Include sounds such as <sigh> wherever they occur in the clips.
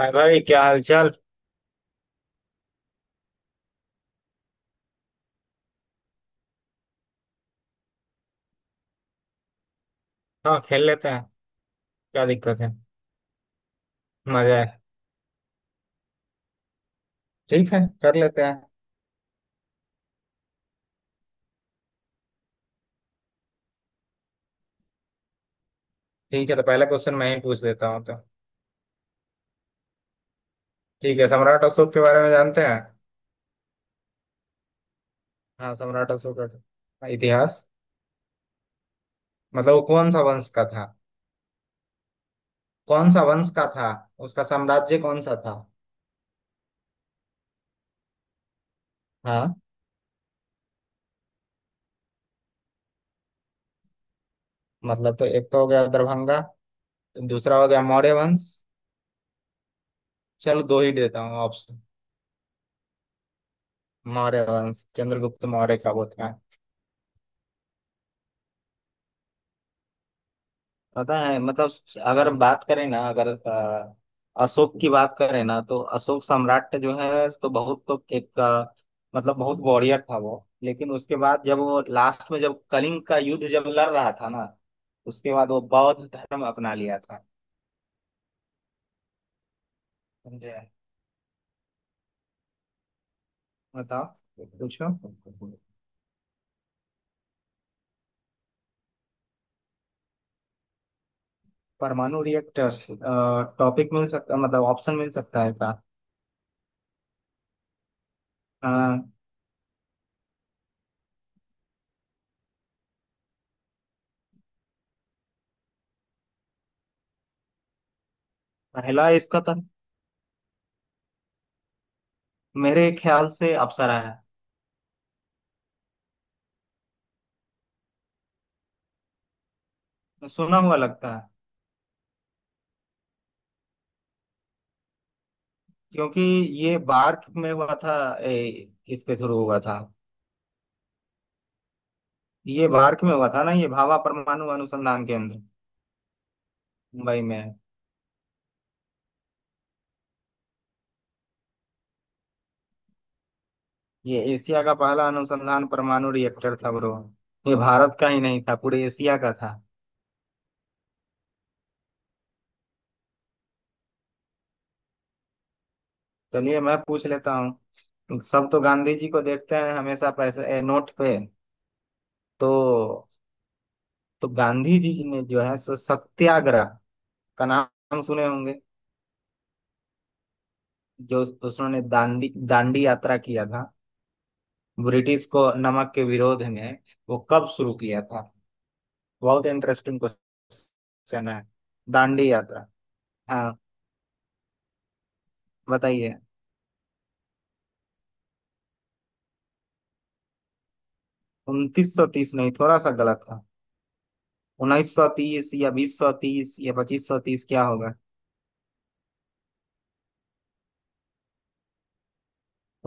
हाय भाई, क्या हाल चाल। हाँ, खेल लेते हैं। क्या दिक्कत है। मजा है। ठीक है, कर लेते हैं। ठीक है, तो पहला क्वेश्चन मैं ही पूछ देता हूँ तो, ठीक है, सम्राट अशोक के बारे में जानते हैं। हाँ, सम्राट अशोक का इतिहास। मतलब, वो कौन सा वंश का था। कौन सा वंश का था। उसका साम्राज्य कौन सा था। हाँ। मतलब तो एक तो हो गया दरभंगा। दूसरा हो गया मौर्य वंश। चलो, दो ही देता हूँ ऑप्शन। मौर्य वंश, चंद्रगुप्त मौर्य का वो था। पता है, मतलब, अगर हम बात करें ना, अगर अशोक की बात करें ना, तो अशोक सम्राट जो है, तो बहुत, तो एक, मतलब बहुत वॉरियर था वो, लेकिन उसके बाद जब वो लास्ट में जब कलिंग का युद्ध जब लड़ रहा था ना, उसके बाद वो बौद्ध धर्म अपना लिया था। समझे। बताओ। पूछो। परमाणु रिएक्टर। टॉपिक मिल सकता, मतलब ऑप्शन मिल सकता है क्या। अ, पहला इसका था। मेरे ख्याल से अप्सरा है। सुना हुआ लगता है। क्योंकि ये बार्क में हुआ था, ए, इसके थ्रू हुआ था। ये बार्क में हुआ था ना, ये भाभा परमाणु अनुसंधान केंद्र, मुंबई में। ये एशिया का पहला अनुसंधान परमाणु रिएक्टर था ब्रो। ये भारत का ही नहीं था, पूरे एशिया का था। चलिए, मैं पूछ लेता हूँ। सब तो गांधी जी को देखते हैं हमेशा पैसे, नोट पे। तो तो गांधी जी ने जो है सो सत्याग्रह का नाम सुने होंगे। उन्होंने दांडी दांडी यात्रा किया था, ब्रिटिश को नमक के विरोध में। वो कब शुरू किया था। बहुत इंटरेस्टिंग क्वेश्चन है। दांडी यात्रा। हाँ, बताइए। 2930, नहीं, थोड़ा सा गलत था। 1930 या 2030 या 2530, क्या होगा।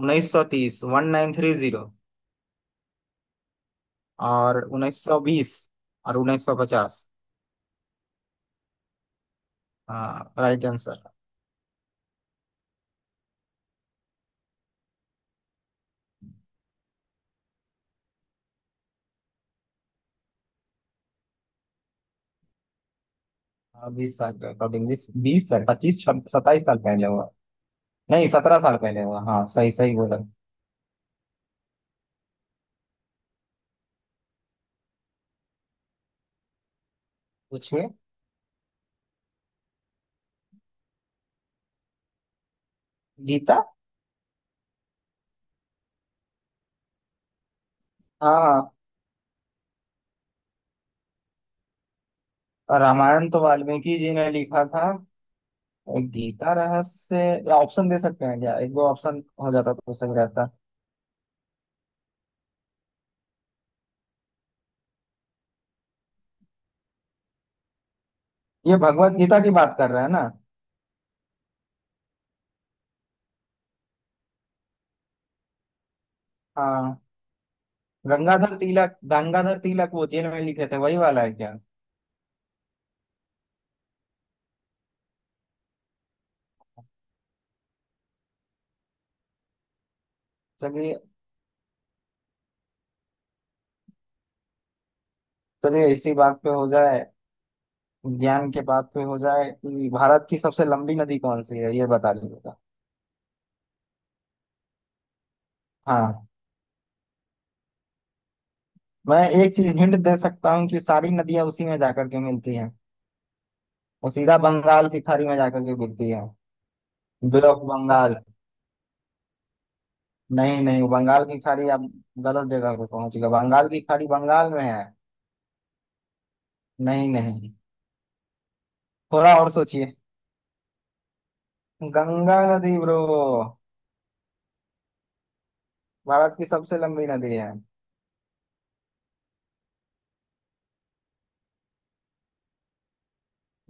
1930, 1930, और 1920 और 1950। हाँ, राइट आंसर। 20 साल के अकॉर्डिंग, बीस बीस साल, 25-27 साल पहले हुआ। नहीं, 17 साल पहले हुआ, हाँ, सही सही बोला। पूछिए। गीता। हाँ, हाँ। रामायण तो वाल्मीकि जी ने लिखा था। गीता रहस्य। या ऑप्शन दे सकते हैं क्या, एक दो ऑप्शन हो जाता तो सही रहता। ये भगवत गीता की बात कर रहे हैं ना। हाँ। गंगाधर तिलक वो जेल में लिखे थे, वही वाला है क्या। चलिए। चलिए, इसी बात पे हो जाए, ज्ञान के बात पे हो जाए कि भारत की सबसे लंबी नदी कौन सी है, ये बता दीजिएगा। हाँ। मैं एक चीज हिंट दे सकता हूँ कि सारी नदियां उसी में जाकर के मिलती हैं। वो सीधा बंगाल की खाड़ी में जाकर के गिरती है। ब्लॉक बंगाल, नहीं नहीं, बंगाल की खाड़ी, आप गलत जगह पे पहुंच गए। बंगाल की खाड़ी बंगाल में है। नहीं नहीं, थोड़ा और सोचिए। गंगा नदी ब्रो, भारत की सबसे लंबी नदी है।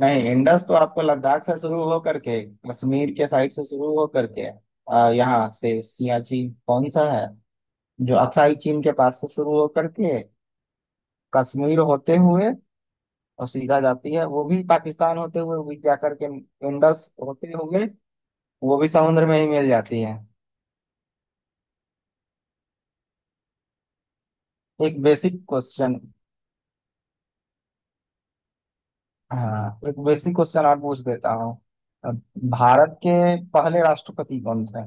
नहीं, इंडस तो आपको लद्दाख से शुरू हो करके, कश्मीर के साइड से शुरू हो करके, यहाँ से सियाचिन कौन सा है, जो अक्साई चीन के पास से शुरू हो करके कश्मीर होते हुए, और सीधा जाती है वो भी पाकिस्तान होते हुए भी जा करके, इंडस होते हुए वो भी समुद्र में ही मिल जाती है। एक बेसिक क्वेश्चन। हाँ, एक बेसिक क्वेश्चन आप पूछ देता हूँ। अब भारत के पहले राष्ट्रपति कौन थे।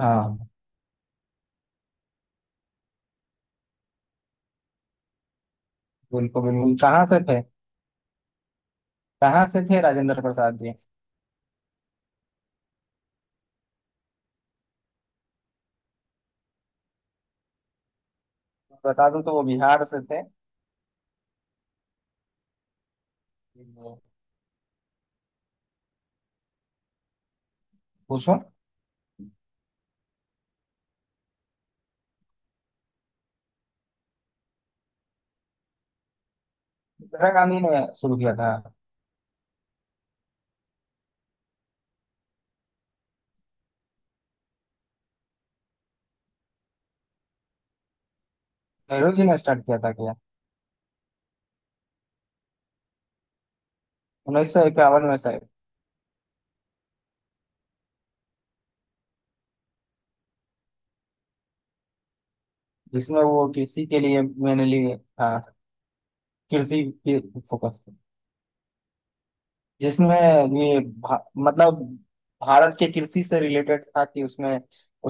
हाँ, बिल्कुल बिल्कुल, कहाँ से थे। कहाँ से थे राजेंद्र प्रसाद जी। बता दूं तो वो बिहार से थे। पूछो। इंदिरा गांधी ने शुरू किया था। नेहरू जी ने स्टार्ट किया था क्या, 1951 में शायद। जिसमें वो कृषि के लिए मैंने लिए था। कृषि पे फोकस। जिसमें मतलब भारत के कृषि से रिलेटेड था कि उसमें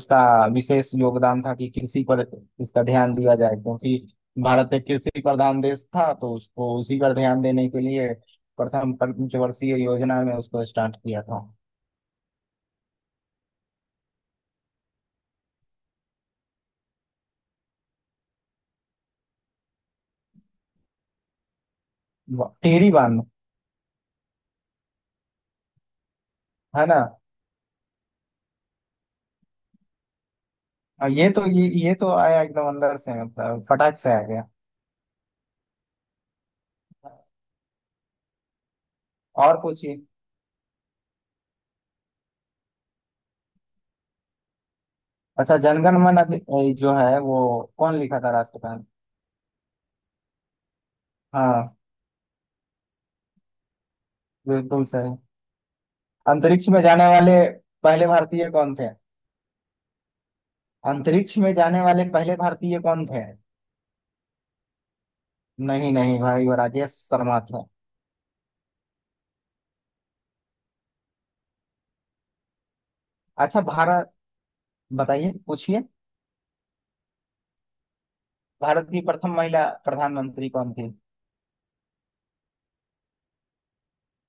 उसका विशेष योगदान था कि कृषि पर इसका ध्यान दिया जाए, क्योंकि भारत एक कृषि प्रधान देश था, तो उसको उसी पर ध्यान देने के लिए प्रथम पंचवर्षीय योजना में उसको स्टार्ट किया था। टिहरी बांध। है ना। और ये तो, ये तो आया एकदम अंदर से, मतलब फटाक से आ गया। और पूछिए। अच्छा, जनगण मन जो है वो, कौन लिखा था राष्ट्रगान। हाँ, बिल्कुल सही। अंतरिक्ष में जाने वाले पहले भारतीय कौन थे। अंतरिक्ष में जाने वाले पहले भारतीय कौन थे। नहीं नहीं भाई, वो राजेश शर्मा थे। अच्छा, भारत। बताइए, पूछिए। भारत की प्रथम महिला प्रधानमंत्री कौन थी।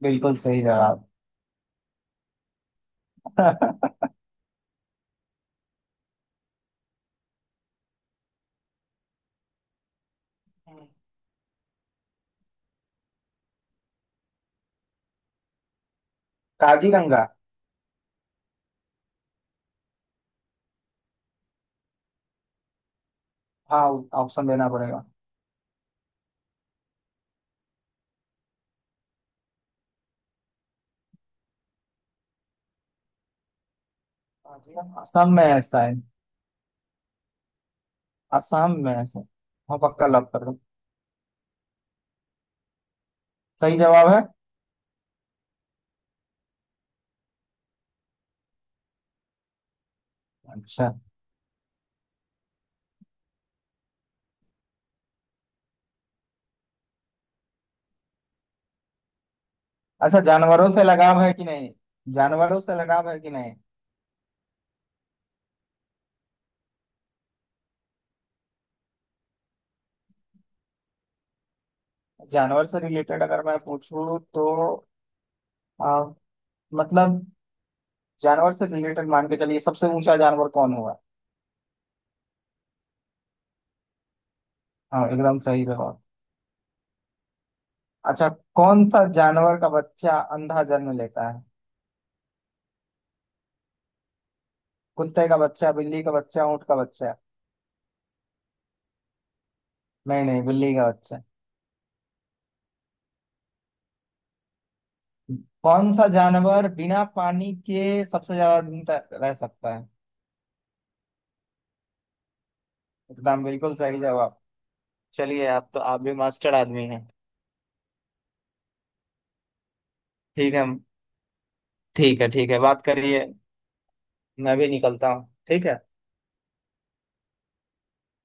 बिल्कुल सही जवाब। <laughs> काजीरंगा। हाँ, ऑप्शन देना पड़ेगा। असम में है शायद। असम में है शायद। हाँ, पक्का लॉक कर दो। सही जवाब है। अच्छा। अच्छा, जानवरों से लगाव है कि नहीं। जानवरों से लगाव है कि नहीं। जानवर से रिलेटेड अगर मैं पूछूं तो, आ, मतलब जानवर से रिलेटेड मान के चलिए, सबसे ऊंचा जानवर कौन हुआ। हाँ, एकदम सही जवाब। अच्छा, कौन सा जानवर का बच्चा अंधा जन्म लेता है। कुत्ते का बच्चा, बिल्ली का बच्चा, ऊंट का बच्चा। नहीं नहीं, बिल्ली का बच्चा। कौन सा जानवर बिना पानी के सबसे ज्यादा दिन तक रह सकता है। एकदम बिल्कुल सही जवाब। चलिए, आप तो, आप भी मास्टर आदमी हैं। ठीक है। ठीक है, ठीक है, बात करिए। मैं भी निकलता हूँ, ठीक है।